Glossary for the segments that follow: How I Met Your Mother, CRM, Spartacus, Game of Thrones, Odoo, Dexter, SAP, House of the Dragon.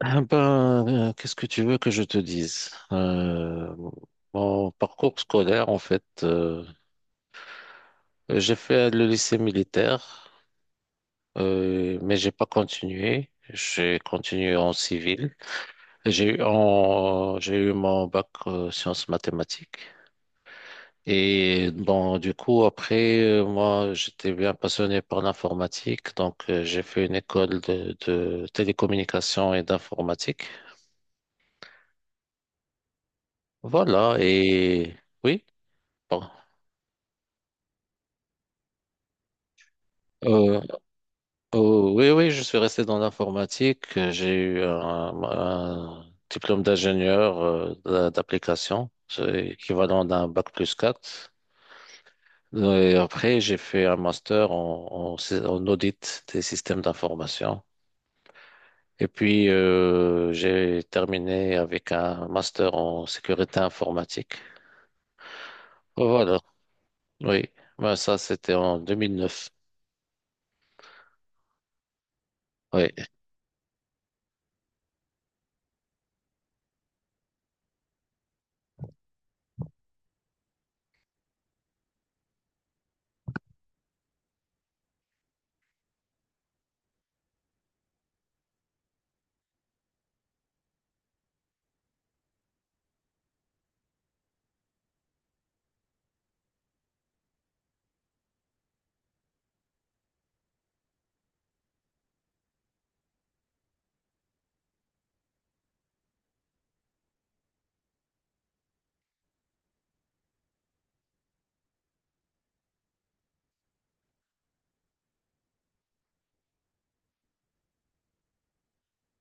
Ah ben, qu'est-ce que tu veux que je te dise? Mon parcours scolaire, en fait, j'ai fait le lycée militaire, mais j'ai pas continué. J'ai continué en civil. J'ai eu, j'ai eu mon bac sciences mathématiques. Et bon, du coup, après, moi, j'étais bien passionné par l'informatique, donc j'ai fait une école de télécommunications et d'informatique. Voilà, et oui. Bon. Euh, euh, oui, oui, je suis resté dans l'informatique. J'ai eu un diplôme d'ingénieur d'application, c'est équivalent d'un bac+4. Et après, j'ai fait un master en audit des systèmes d'information. Et puis, j'ai terminé avec un master en sécurité informatique. Voilà, oui. Ben, ça, c'était en 2009. Oui.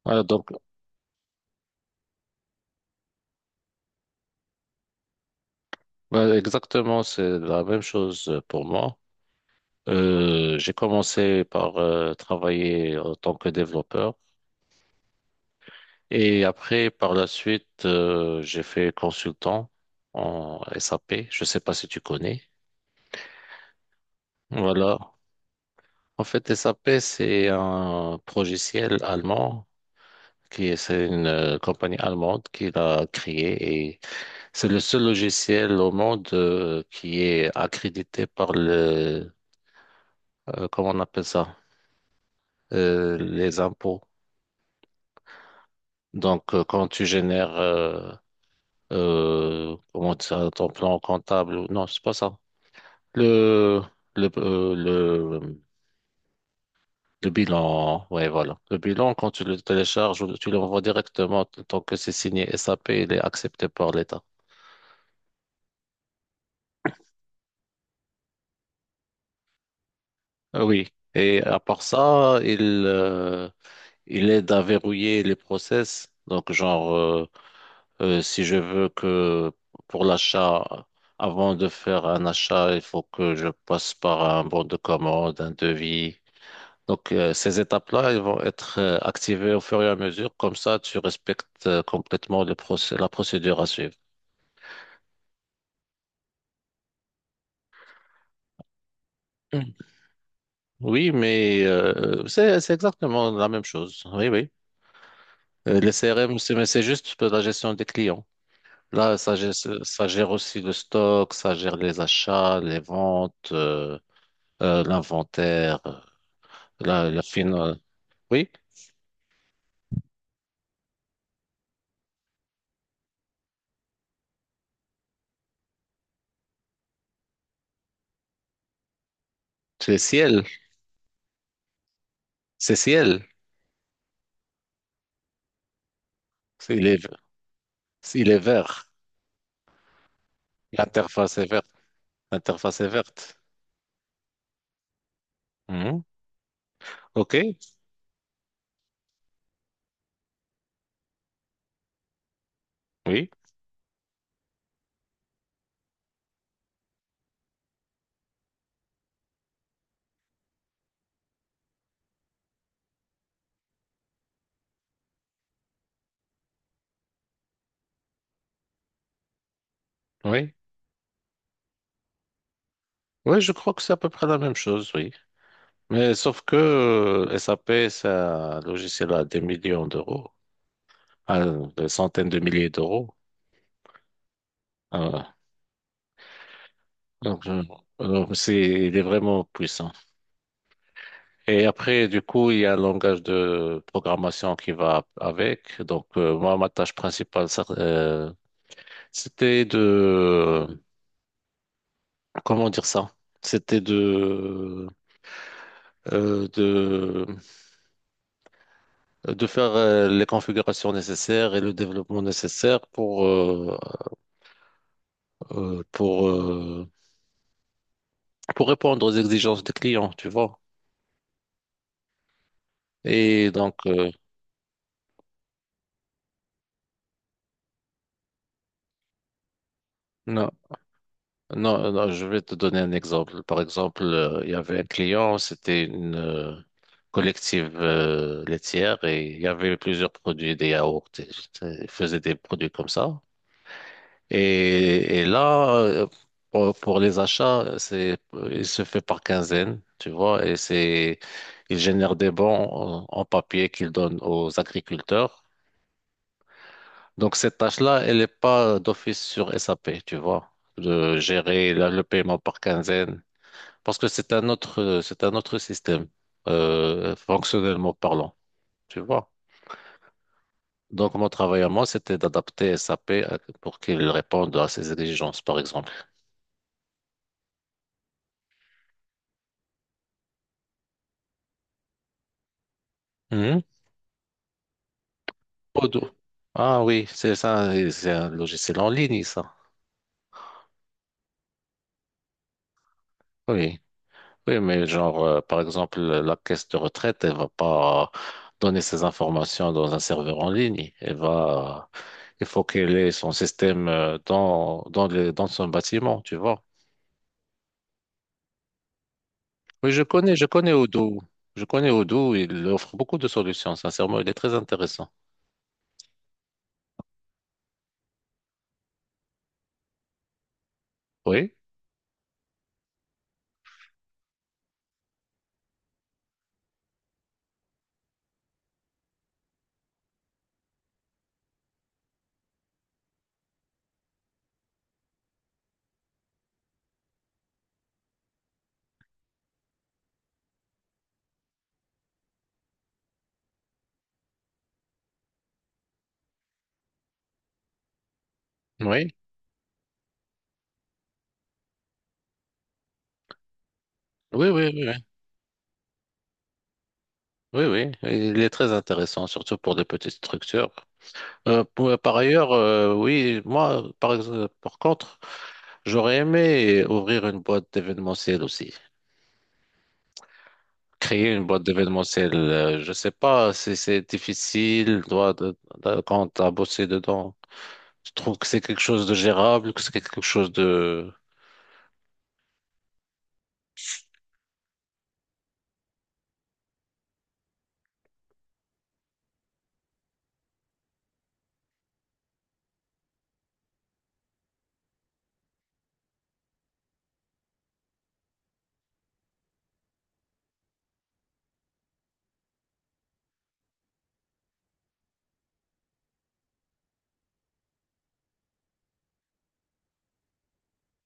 Voilà, donc, ben, exactement, c'est la même chose pour moi. J'ai commencé par travailler en tant que développeur et après, par la suite, j'ai fait consultant en SAP. Je sais pas si tu connais. Voilà. En fait, SAP, c'est un logiciel allemand qui est, c'est une compagnie allemande qui l'a créé et c'est le seul logiciel au monde qui est accrédité par comment on appelle ça, les impôts. Donc, quand tu génères comment ça, ton plan comptable, non, c'est pas ça. Le, le, euh, le, le bilan, ouais, voilà. Le bilan, quand tu le télécharges, ou tu l'envoies directement tant que c'est signé SAP, il est accepté par l'État. Ah, oui. Et à part ça, euh, il aide à verrouiller les process. Donc, genre, si je veux que pour l'achat, avant de faire un achat, il faut que je passe par un bon de commande, un devis. Donc, ces étapes-là, elles vont être activées au fur et à mesure. Comme ça, tu respectes complètement la procédure à suivre. Mm. Oui, mais c'est exactement la même chose. Oui, oui. Les CRM, mais c'est juste pour la gestion des clients. Là, ça gère aussi le stock, ça gère les achats, les ventes, l'inventaire. La, la fin- euh, Oui, c'est ciel. C'est ciel. Il est, il est vert. L'interface est verte. L'interface est verte. Mm. Ok, oui, oui. Oui, je crois que c'est à peu près la même chose, oui. Mais sauf que SAP, c'est un logiciel à des millions d'euros, à des centaines de milliers d'euros. Ah, donc, donc, il est vraiment puissant. Et après, du coup, il y a un langage de programmation qui va avec. Donc, moi, ma tâche principale, ça, c'était de, comment dire ça? C'était euh, de de faire les configurations nécessaires et le développement nécessaire euh, pour euh, pour répondre aux exigences des clients, tu vois. Et donc non, non, non, je vais te donner un exemple. Par exemple, il y avait un client, c'était une collective laitière et il y avait plusieurs produits, des yaourts, et ils faisaient des produits comme ça. Et là, pour les achats, il se fait par quinzaine, tu vois, et il génère des bons en papier qu'il donne aux agriculteurs. Donc, cette tâche-là, elle n'est pas d'office sur SAP, tu vois, de gérer le paiement par quinzaine, parce que c'est un autre système, fonctionnellement parlant, tu vois. Donc, mon travail à moi, c'était d'adapter SAP pour qu'il réponde à ces exigences, par exemple. Odoo. Ah oui, c'est ça, et c'est un logiciel en ligne, ça. Oui, oui, mais genre, par exemple, la caisse de retraite, elle va pas donner ses informations dans un serveur en ligne. Il faut qu'elle ait son système dans son bâtiment, tu vois. Oui, je connais Odoo. Je connais Odoo, il offre beaucoup de solutions, sincèrement, il est très intéressant. Oui, oui, oui, oui, oui, oui, oui, oui. Il est très intéressant, surtout pour des petites structures. Par ailleurs, oui, moi, par contre, j'aurais aimé ouvrir une boîte d'événementiel aussi. Créer une boîte d'événementiel, je sais pas si c'est difficile, toi, quand t'as bossé dedans. Je trouve que c'est quelque chose de gérable, que c'est quelque chose de.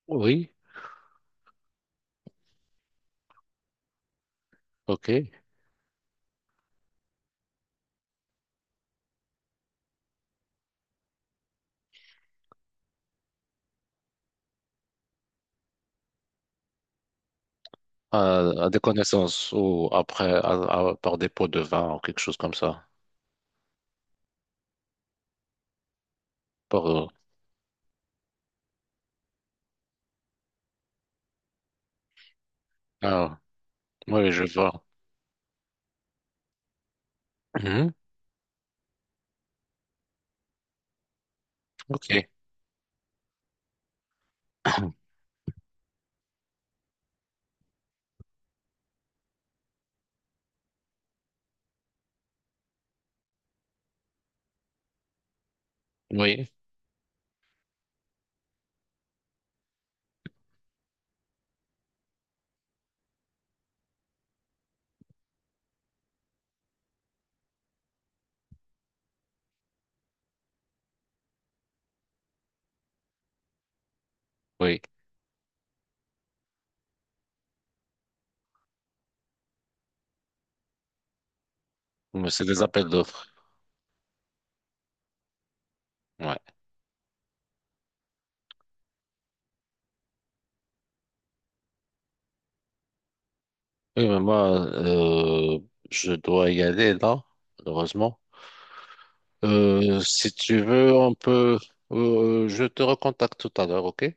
Oui, ok. À, à des connaissances ou après, par dépôt de vin ou quelque chose comme ça. Par, euh, ah, oui, je vois. Mhm, Ok. Oui, oui. Mais c'est des appels d'offres. Ouais. Oui, mais moi, je dois y aller là, heureusement. Si tu veux, on peut. Je te recontacte tout à l'heure, ok?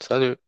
Salut.